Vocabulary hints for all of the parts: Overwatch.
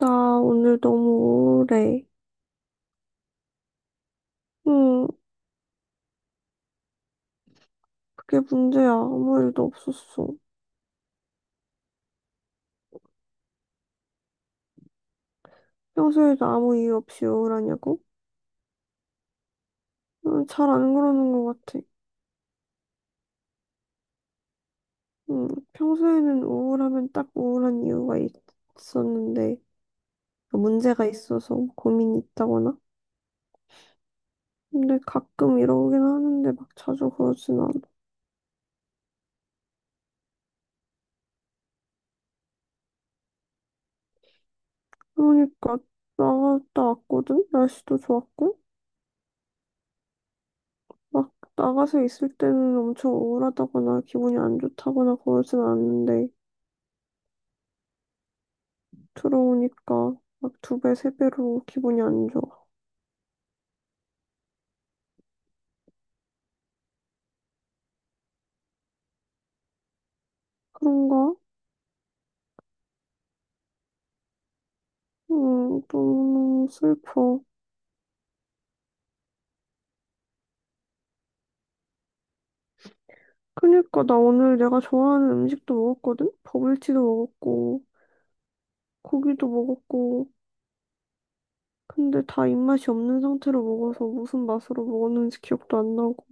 나 오늘 너무 우울해. 응, 그게 문제야. 아무 일도 없었어. 평소에도 아무 이유 없이 우울하냐고? 응, 잘 안 그러는 것 같아. 응, 평소에는 우울하면 딱 우울한 이유가 있었는데, 그 문제가 있어서 고민이 있다거나? 근데 가끔 이러긴 하는데 막 자주 그러진 않아. 그러니까 나갔다 왔거든? 날씨도 좋았고? 막 나가서 있을 때는 엄청 우울하다거나 기분이 안 좋다거나 그러진 않는데, 들어오니까 막 두 배, 세 배로 기분이 안 좋아. 그런가? 너무 슬퍼. 그니까 나 오늘 내가 좋아하는 음식도 먹었거든? 버블티도 먹었고, 고기도 먹었고. 근데 다 입맛이 없는 상태로 먹어서 무슨 맛으로 먹었는지 기억도 안 나고.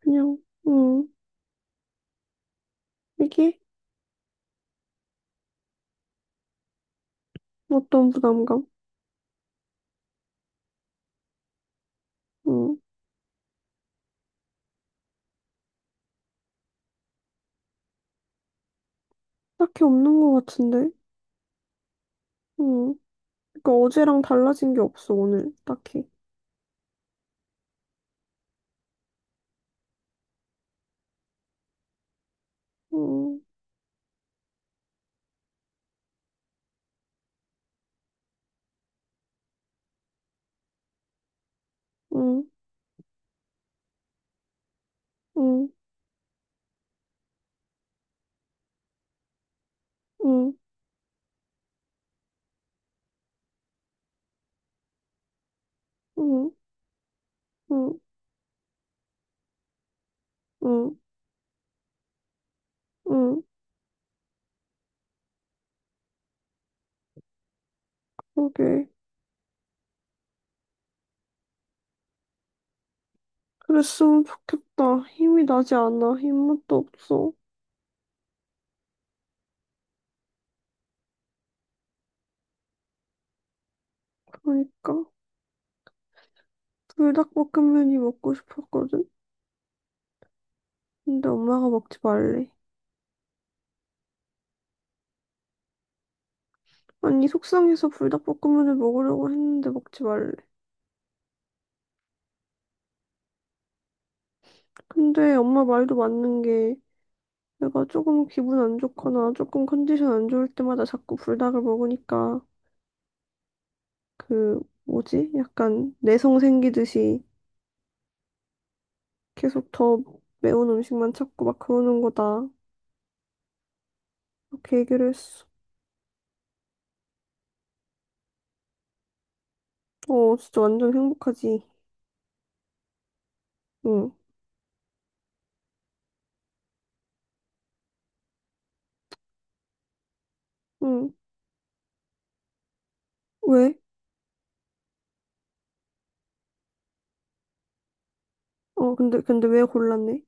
그냥, 음, 이게 어떤 부담감? 음, 딱히 없는 것 같은데? 음, 그니까 어제랑 달라진 게 없어, 오늘. 딱히. 음, 음, 음, 음, 음. 음. 응, 응, 오케이. 그랬으면 좋겠다. 힘이 나지 않아. 힘맛도 없어. 그러니까. 불닭볶음면이 먹고 싶었거든? 근데 엄마가 먹지 말래. 아니, 속상해서 불닭볶음면을 먹으려고 했는데 먹지 말래. 근데 엄마 말도 맞는 게 내가 조금 기분 안 좋거나 조금 컨디션 안 좋을 때마다 자꾸 불닭을 먹으니까 그 뭐지? 약간 내성 생기듯이 계속 더 매운 음식만 찾고 막 그러는 거다. 그렇게 얘기를 했어. 어, 진짜 완전 행복하지. 응, 응. 왜? 어, 근데 왜 골랐네?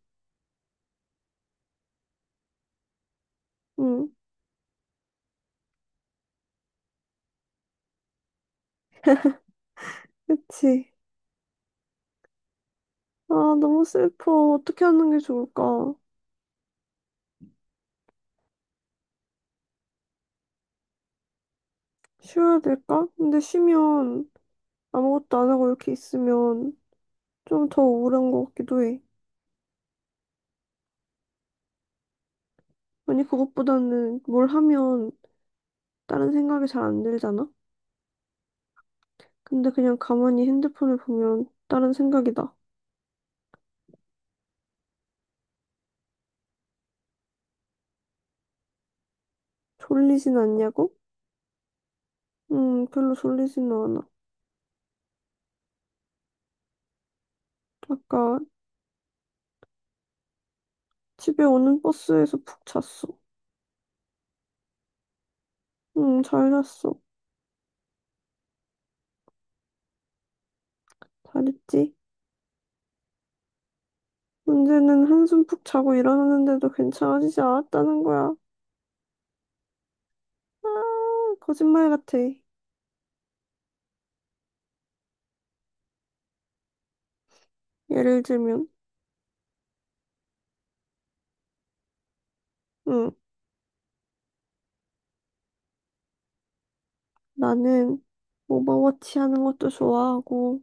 응, 그치. 아, 너무 슬퍼. 어떻게 하는 게 좋을까? 쉬어야 될까? 근데 쉬면 아무것도 안 하고 이렇게 있으면 좀 더 우울한 것 같기도 해. 아니, 그것보다는 뭘 하면 다른 생각이 잘 안 들잖아? 근데 그냥 가만히 핸드폰을 보면 다른 생각이다. 졸리진 않냐고? 별로 졸리지는 않아. 아까 집에 오는 버스에서 푹 잤어. 응, 잘 잤어. 잘했지? 문제는 한숨 푹 자고 일어났는데도 괜찮아지지 않았다는 거야. 아, 거짓말 같아. 예를 들면, 응, 나는 오버워치 하는 것도 좋아하고,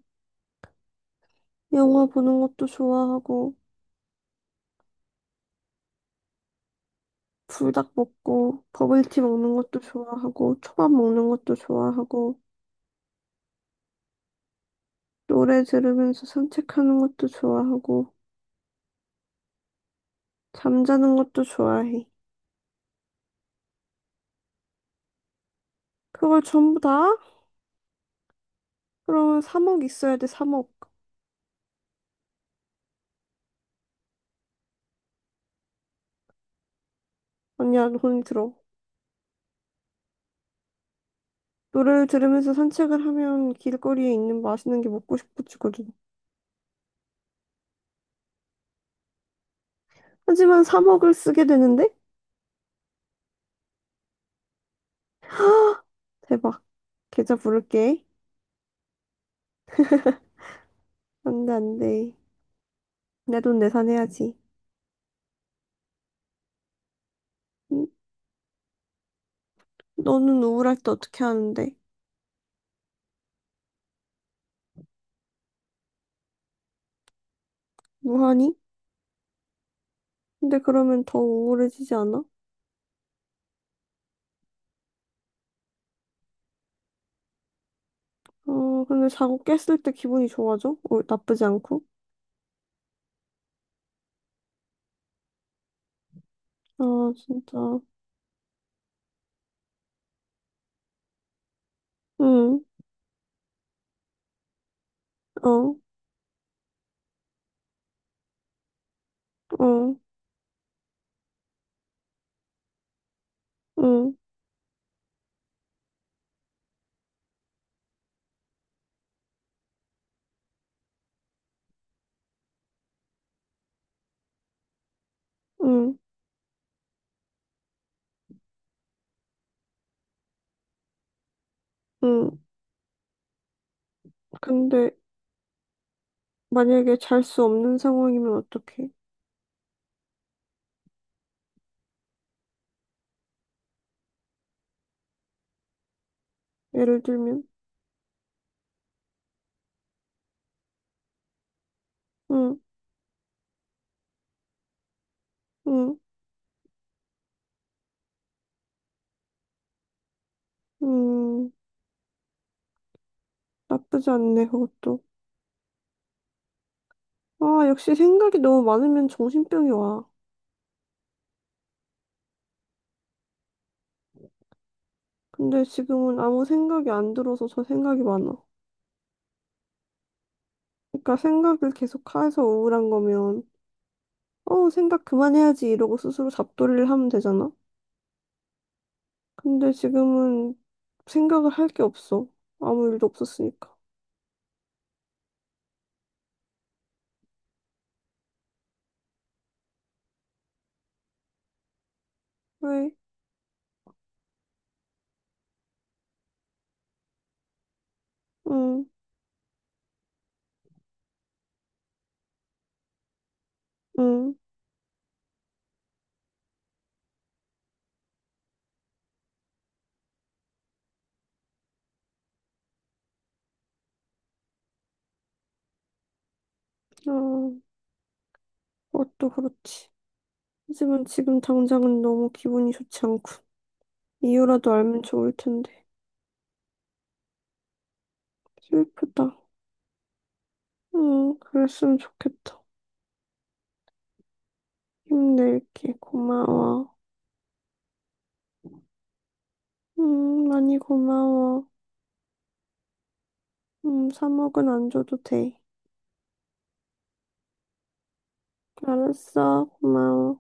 영화 보는 것도 좋아하고, 불닭 먹고, 버블티 먹는 것도 좋아하고, 초밥 먹는 것도 좋아하고, 노래 들으면서 산책하는 것도 좋아하고, 잠자는 것도 좋아해. 그걸 전부 다? 그러면 3억 있어야 돼, 3억. 아니야, 돈이 들어. 노래를 들으면서 산책을 하면 길거리에 있는 맛있는 게 먹고 싶어지거든. 하지만 사 먹을 쓰게 되는데? 헉, 대박. 계좌 부를게. 안 돼, 안 돼. 내 돈 내산해야지. 응? 너는 우울할 때 어떻게 하는데? 뭐 하니? 근데 그러면 더 우울해지지 않아? 어, 근데 자고 깼을 때 기분이 좋아져? 어, 나쁘지 않고? 아, 진짜. 응, 어, 어, 응, 응, 응. 근데 만약에 잘 수 없는 상황이면 어떡해? 예를 들면, 응, 응, 응, 나쁘지 않네, 그것도. 아, 역시 생각이 너무 많으면 정신병이 와. 근데 지금은 아무 생각이 안 들어서 저 생각이 많아. 그러니까 생각을 계속 해서 우울한 거면, 어, 생각 그만해야지 이러고 스스로 잡돌이를 하면 되잖아. 근데 지금은 생각을 할 게 없어. 아무 일도 없었으니까. 왜? 응, 응, 어, 그것도 그렇지. 하지만 지금 당장은 너무 기분이 좋지 않고. 이유라도 알면 좋을 텐데. 슬프다. 응, 그랬으면 좋겠다. 힘낼게. 고마워. 응, 많이 고마워. 응, 사먹은 안 줘도 돼. 알았어. 고마워.